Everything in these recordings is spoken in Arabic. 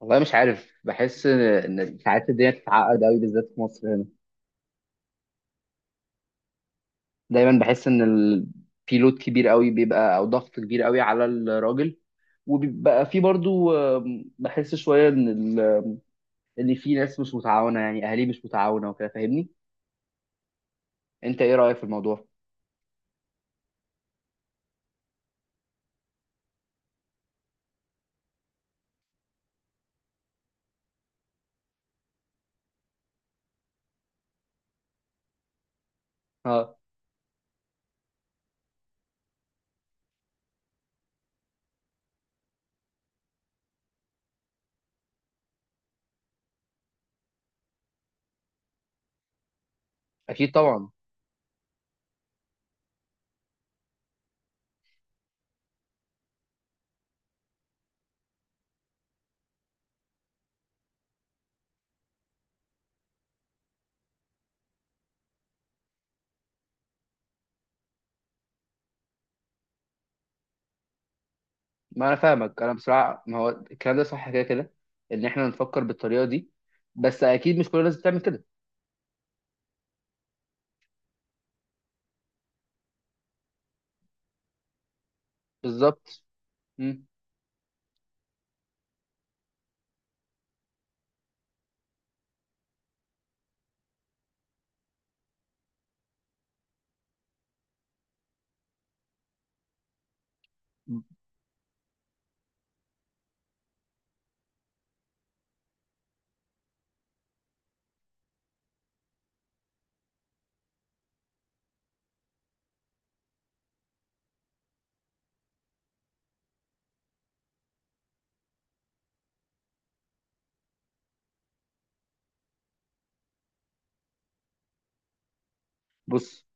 والله مش عارف، بحس إن ساعات الدنيا بتتعقد قوي بالذات في مصر هنا. دايما بحس ان في لود كبير قوي بيبقى او ضغط كبير قوي على الراجل، وبيبقى في برضو بحس شويه ان ان في ناس مش متعاونه، يعني اهالي مش متعاونه وكده، فاهمني؟ انت ايه رايك في الموضوع؟ اه، اكيد طبعا. ما انا فاهمك، انا بصراحه ما هو الكلام ده صح كده كده، ان احنا نفكر بالطريقه دي، بس اكيد مش كل الناس بتعمل كده. بالظبط. مم. بص.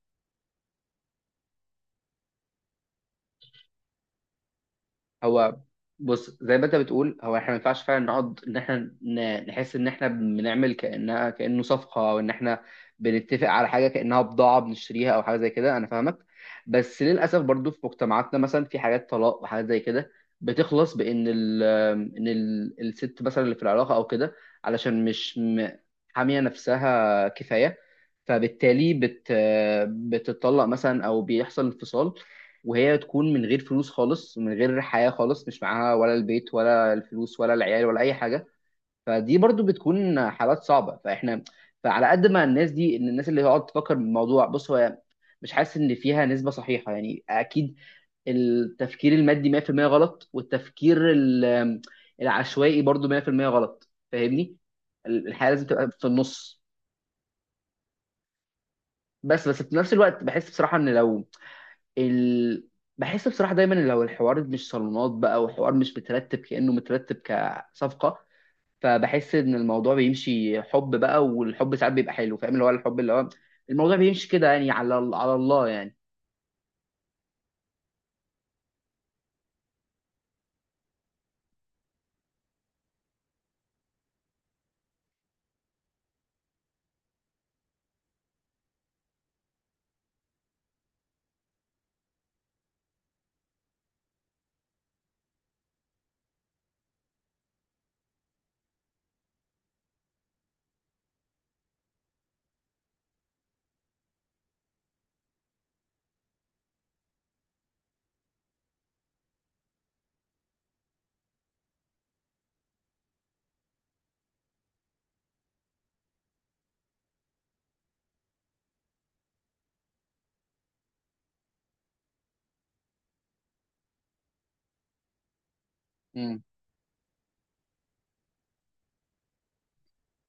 هو بص، زي ما انت بتقول، هو احنا ما ينفعش فعلا نقعد ان احنا نحس ان احنا بنعمل كانها، كانه صفقه، او ان احنا بنتفق على حاجه كانها بضاعه بنشتريها او حاجه زي كده، انا فاهمك. بس للاسف برضو في مجتمعاتنا مثلا في حاجات طلاق وحاجات زي كده بتخلص بان ان ال الست مثلا اللي في العلاقه او كده علشان مش حاميه نفسها كفايه، فبالتالي بتطلق مثلا او بيحصل انفصال وهي تكون من غير فلوس خالص، من غير حياة خالص، مش معاها ولا البيت ولا الفلوس ولا العيال ولا أي حاجة. فدي برضو بتكون حالات صعبة. فإحنا، فعلى قد ما الناس دي، إن الناس اللي هتقعد تفكر بالموضوع، بص، هو مش حاسس إن فيها نسبة صحيحة، يعني أكيد التفكير المادي 100% غلط، والتفكير العشوائي برضو 100% غلط، فاهمني؟ الحياة لازم تبقى في النص. بس في نفس الوقت بحس بصراحة إن لو ال... بحس بصراحة دايما لو الحوار مش صالونات بقى، وحوار مش مترتب كأنه مترتب كصفقة، فبحس إن الموضوع بيمشي حب بقى، والحب ساعات بيبقى حلو، فاهم؟ اللي هو الحب، اللي هو الموضوع بيمشي كده يعني، على على الله يعني.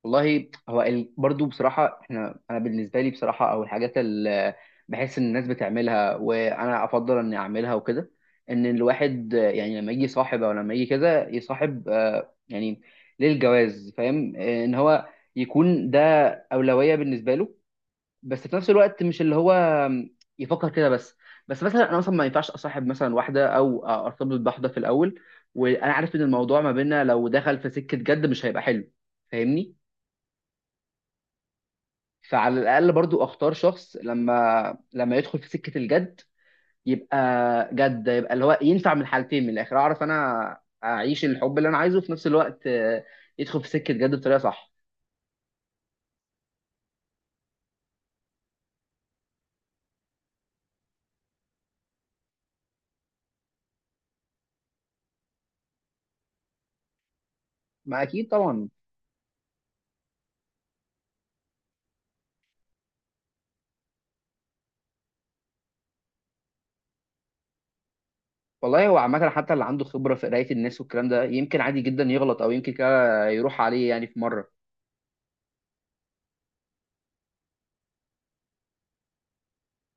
والله هو برضو بصراحة احنا، انا بالنسبة لي بصراحة، او الحاجات اللي بحس ان الناس بتعملها وانا افضل اني اعملها وكده، ان الواحد يعني لما يجي صاحب او لما يجي كده يصاحب يعني للجواز، فاهم؟ ان هو يكون ده أولوية بالنسبة له، بس في نفس الوقت مش اللي هو يفكر كده بس. بس مثلا انا مثلا ما ينفعش اصاحب مثلا واحدة او ارتبط بواحدة في الاول وانا عارف ان الموضوع ما بيننا لو دخل في سكة جد مش هيبقى حلو، فاهمني؟ فعلى الاقل برضو اختار شخص لما يدخل في سكه الجد يبقى جد، يبقى اللي هو ينفع من الحالتين. من الاخر، اعرف انا اعيش الحب اللي انا عايزه، في نفس الوقت يدخل في سكه جد بطريقه صح. ما اكيد طبعا. والله هو عامه حتى اللي عنده خبره في قرايه الناس والكلام ده يمكن عادي جدا يغلط او يمكن كده يروح عليه، يعني في مره.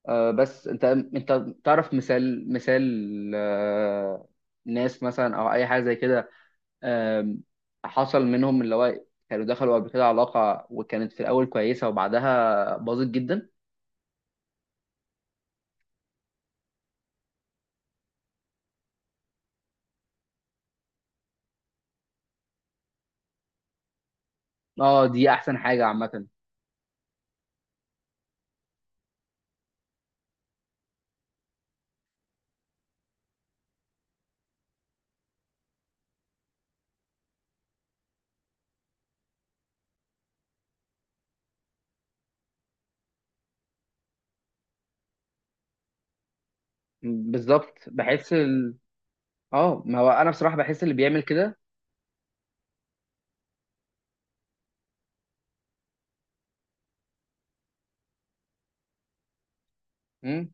بس انت، انت تعرف مثال، مثال، ناس مثلا او اي حاجه زي كده آم، حصل منهم اللي هو كانوا دخلوا قبل كده علاقة وكانت في الأول كويسة وبعدها باظت جدا. اه، دي أحسن حاجة عامة. بالظبط. بحس اه، ما هو أنا بصراحة بحس اللي بيعمل كده. مم.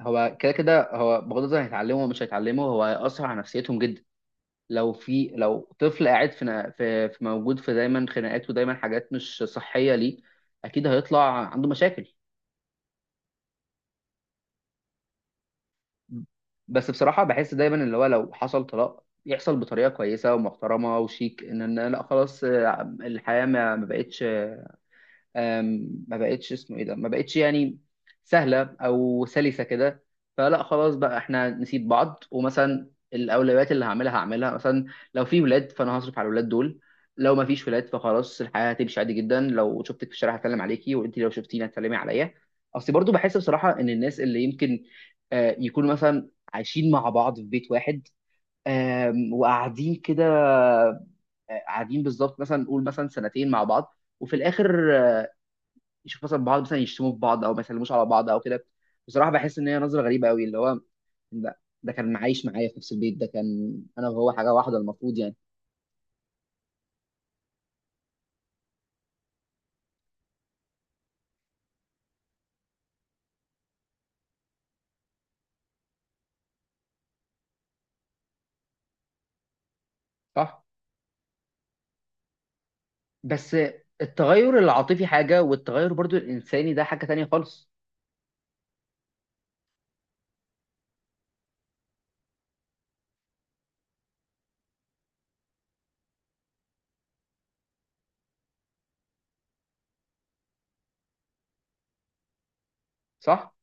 هو كده كده، هو بغض النظر هيتعلمه ومش هيتعلمه، هو هيأثر على نفسيتهم جدا. لو في، لو طفل قاعد في موجود في دايما خناقات ودايما حاجات مش صحية ليه، أكيد هيطلع عنده مشاكل. بس بصراحة بحس دايما اللي هو لو حصل طلاق يحصل بطريقة كويسة ومحترمة وشيك، ان إن لا خلاص، الحياة ما بقتش ما بقتش اسمه ايه ده، ما بقتش يعني سهله او سلسه كده، فلا خلاص بقى، احنا نسيب بعض، ومثلا الاولويات اللي هعملها هعملها مثلا لو في ولاد فانا هصرف على الولاد دول، لو ما فيش ولاد فخلاص الحياه هتمشي عادي جدا. لو شفتك في الشارع هتكلم عليكي، وانت لو شفتيني هتسلمي عليا. اصل برضو بحس بصراحه ان الناس اللي يمكن يكونوا مثلا عايشين مع بعض في بيت واحد، وقاعدين كده، قاعدين بالظبط مثلا، نقول مثلا سنتين مع بعض، وفي الاخر يشوف مثلا بعض مثلا يشتموا في بعض او ما يسلموش على بعض او كده، بصراحه بحس ان هي نظره غريبه قوي اللي هو ده كان معايش معايا في نفس البيت، ده كان انا وهو حاجه واحده المفروض يعني. صح. بس التغير العاطفي حاجه، والتغير برضو الانساني ده حاجه تانية خالص. صح؟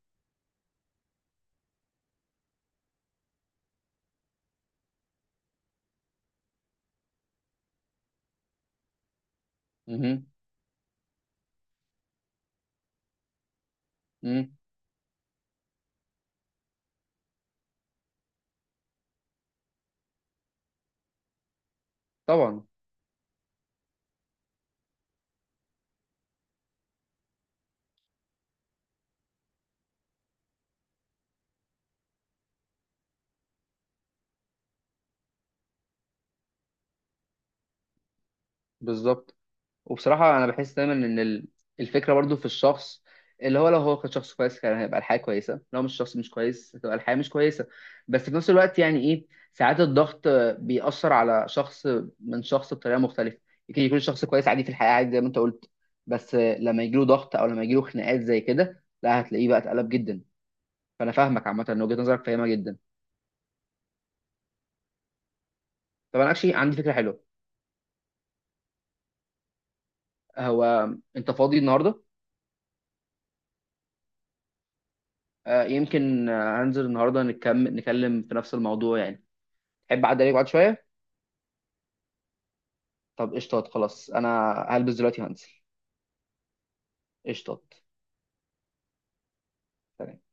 امم. امم. طبعا. بالظبط. وبصراحة أنا بحس دايما إن الفكرة برضو في الشخص، اللي هو لو هو كان شخص كويس كان هيبقى الحياة كويسة، لو مش شخص مش كويس هتبقى الحياة مش كويسة، بس في نفس الوقت يعني إيه، ساعات الضغط بيأثر على شخص من شخص بطريقة مختلفة. يمكن يكون الشخص كويس عادي في الحياة، عادي زي ما أنت قلت، بس لما يجيله ضغط أو لما يجيله خناقات زي كده، لا هتلاقيه بقى اتقلب جدا. فأنا فاهمك عامة، إن وجهة نظرك فاهمة جدا. طب أنا أكشلي عندي فكرة حلوة. هو أنت فاضي النهاردة؟ يمكن هنزل النهاردة نكمل نتكلم في نفس الموضوع يعني، تحب اعدي عليك بعد شويه؟ طب قشطات، خلاص انا هلبس دلوقتي هنزل. قشطات. سلام.